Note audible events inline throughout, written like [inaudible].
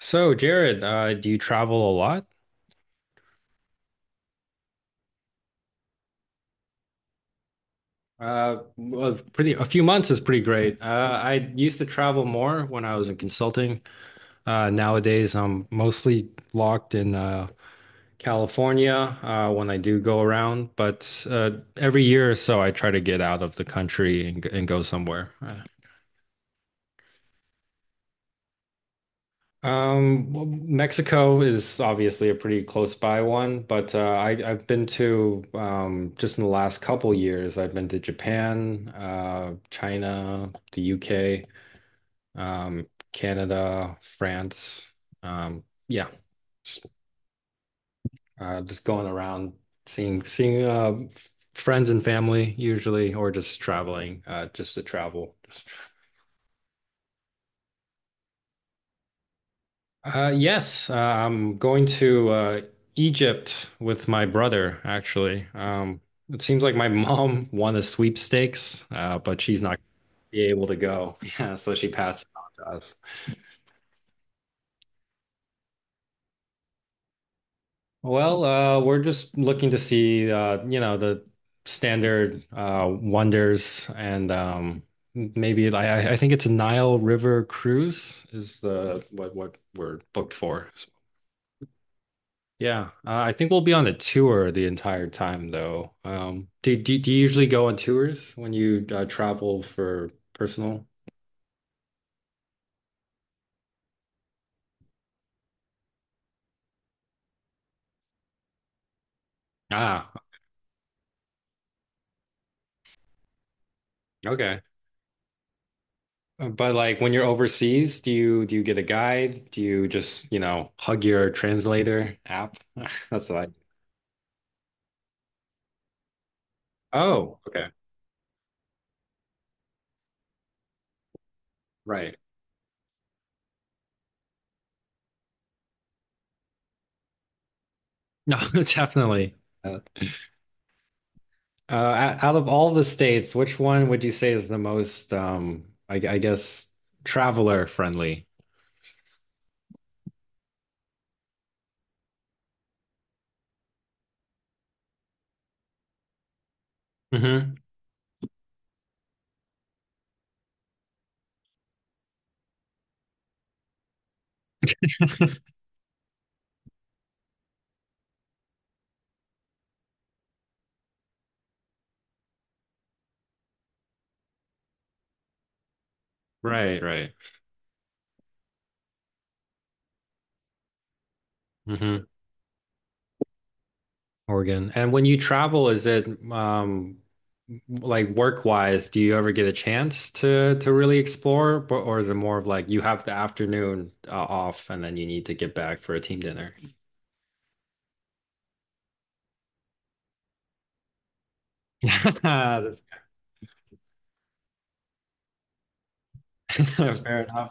So, Jared, do you travel a lot? Well, pretty a few months is pretty great. I used to travel more when I was in consulting. Nowadays, I'm mostly locked in California when I do go around, but every year or so, I try to get out of the country and go somewhere. Well, Mexico is obviously a pretty close by one, but I've been to just in the last couple years, I've been to Japan, China, the UK, um, Canada, France. Yeah, just, just going around seeing friends and family usually, or just traveling, just to travel. Yes, I'm going to Egypt with my brother, actually. It seems like my [laughs] mom won the sweepstakes, but she's not be able to go. [laughs] Yeah, so she passed it on to us. Well, we're just looking to see, you know, the standard wonders and maybe I I think it's a Nile River cruise is the what we're booked for. Yeah, I think we'll be on a tour the entire time, though. Do you usually go on tours when you travel for personal? Ah, okay. But like when you're overseas, do you get a guide? Do you just, you know, hug your translator app? [laughs] That's what I. Oh, okay. Right. No, [laughs] definitely. Uh, uh, Out of all the states, which one would you say is the most, I guess, traveler friendly? Hmm. Right, right. Mhm. Oregon. And when you travel, is it like work-wise, do you ever get a chance to really explore, or is it more of like you have the afternoon off and then you need to get back for a team dinner? [laughs] That's [laughs] fair enough.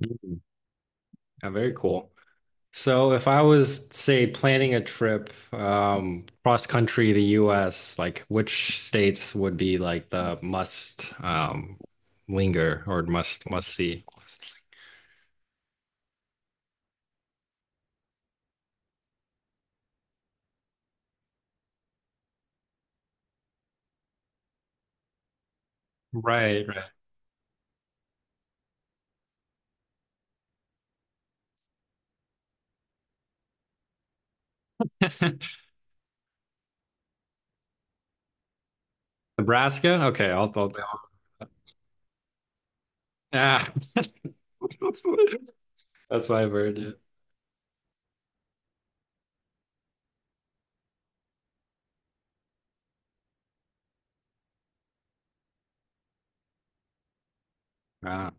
Mm. Yeah, very cool. So if I was, say, planning a trip cross country the US, like which states would be like the must linger or must see? Right, right. [laughs] Nebraska? I'll ah. [laughs] That's why I've heard it. Ah.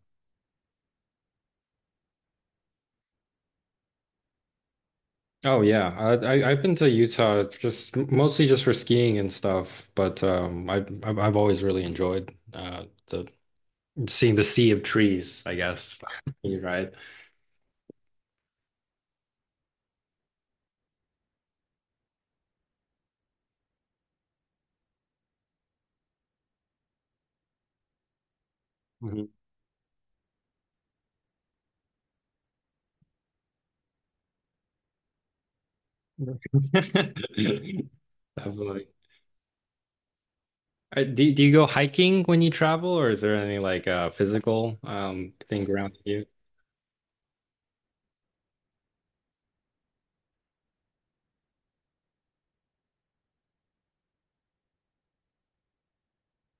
Oh yeah, I I've been to Utah just mostly just for skiing and stuff, but I I've always really enjoyed the seeing the sea of trees, I guess. [laughs] You're right. Mhm. [laughs] Definitely. Do you go hiking when you travel, or is there any like physical thing around you?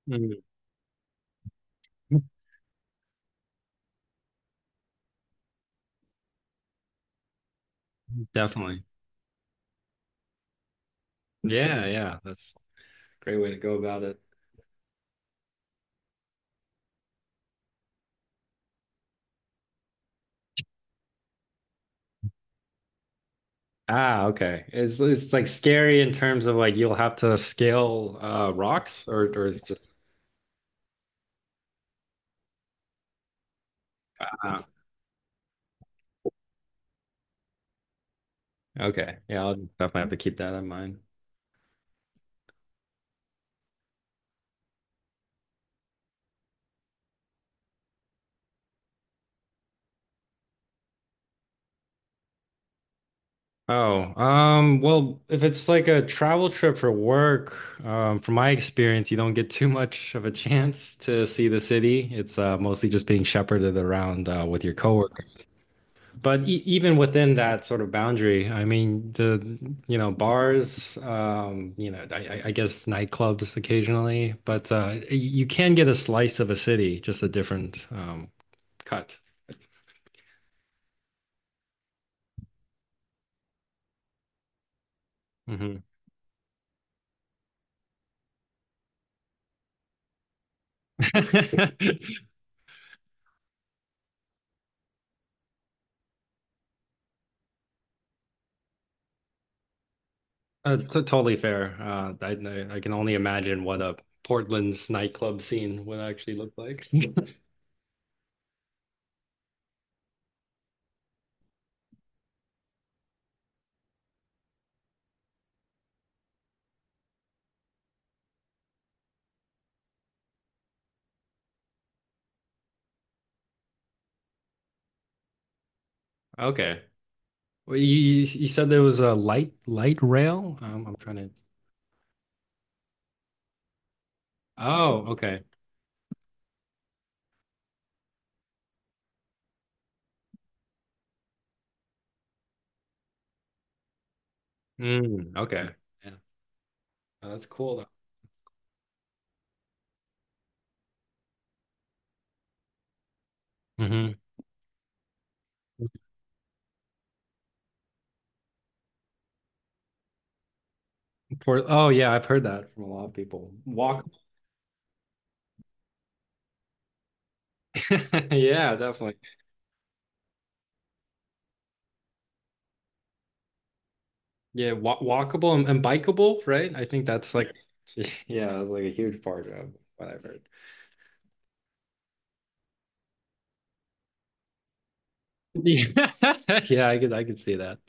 Mhm. Definitely. Yeah, yeah. That's great way to go about it. Ah, okay. It's like scary in terms of like you'll have to scale rocks or is just ah, okay. Yeah, I'll definitely have to keep that in mind. Oh, well, if it's like a travel trip for work, from my experience, you don't get too much of a chance to see the city. It's mostly just being shepherded around with your coworkers. But e even within that sort of boundary, I mean, the, you know, bars, you know, I I guess nightclubs occasionally, but y- you can get a slice of a city, just a different cut. Hmm. [laughs] T totally fair. I can only imagine what a Portland's nightclub scene would actually look like. [laughs] Okay. Well, you said there was a light rail. I'm trying to. Oh, okay. Mm, okay. Oh, that's cool though. Hmm. Oh yeah, I've heard that from a lot of people. Walk [laughs] yeah, definitely. Yeah, wa walkable and bikeable, right? I think that's like [laughs] yeah, that's like a huge part of what I've heard. [laughs] Yeah, [laughs] yeah, I could see that.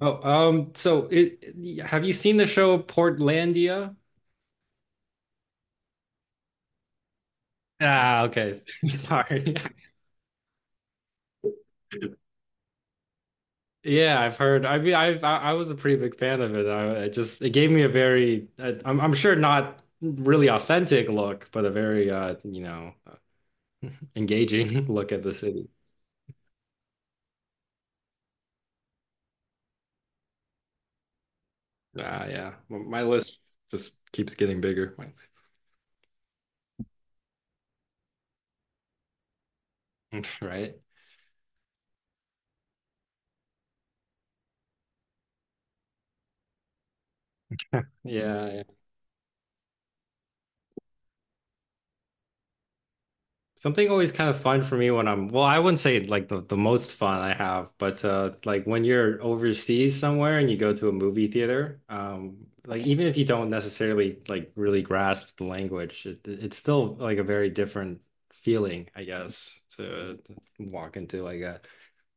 Oh, so it have you seen the show Portlandia? Ah, okay. [laughs] Sorry. [laughs] Yeah, I've heard. I mean, I was a pretty big fan of it. I, it just it gave me a very I'm sure not really authentic look, but a very you know engaging [laughs] look at the city. Uh, yeah, my list just keeps getting bigger, [laughs] right? Yeah. Something always kind of fun for me when I'm, well, I wouldn't say like the most fun I have, but like when you're overseas somewhere and you go to a movie theater, like even if you don't necessarily like really grasp the language, it, it's still like a very different feeling, I guess, to walk into like a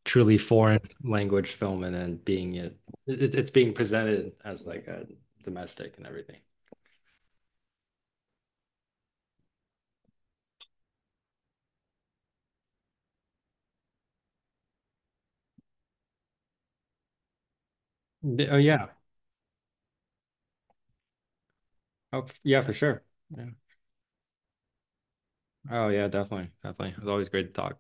truly foreign language film and then being it, it it's being presented as like a domestic and everything. Oh yeah, oh, yeah, for sure. Yeah. Oh yeah, definitely, definitely. It was always great to talk.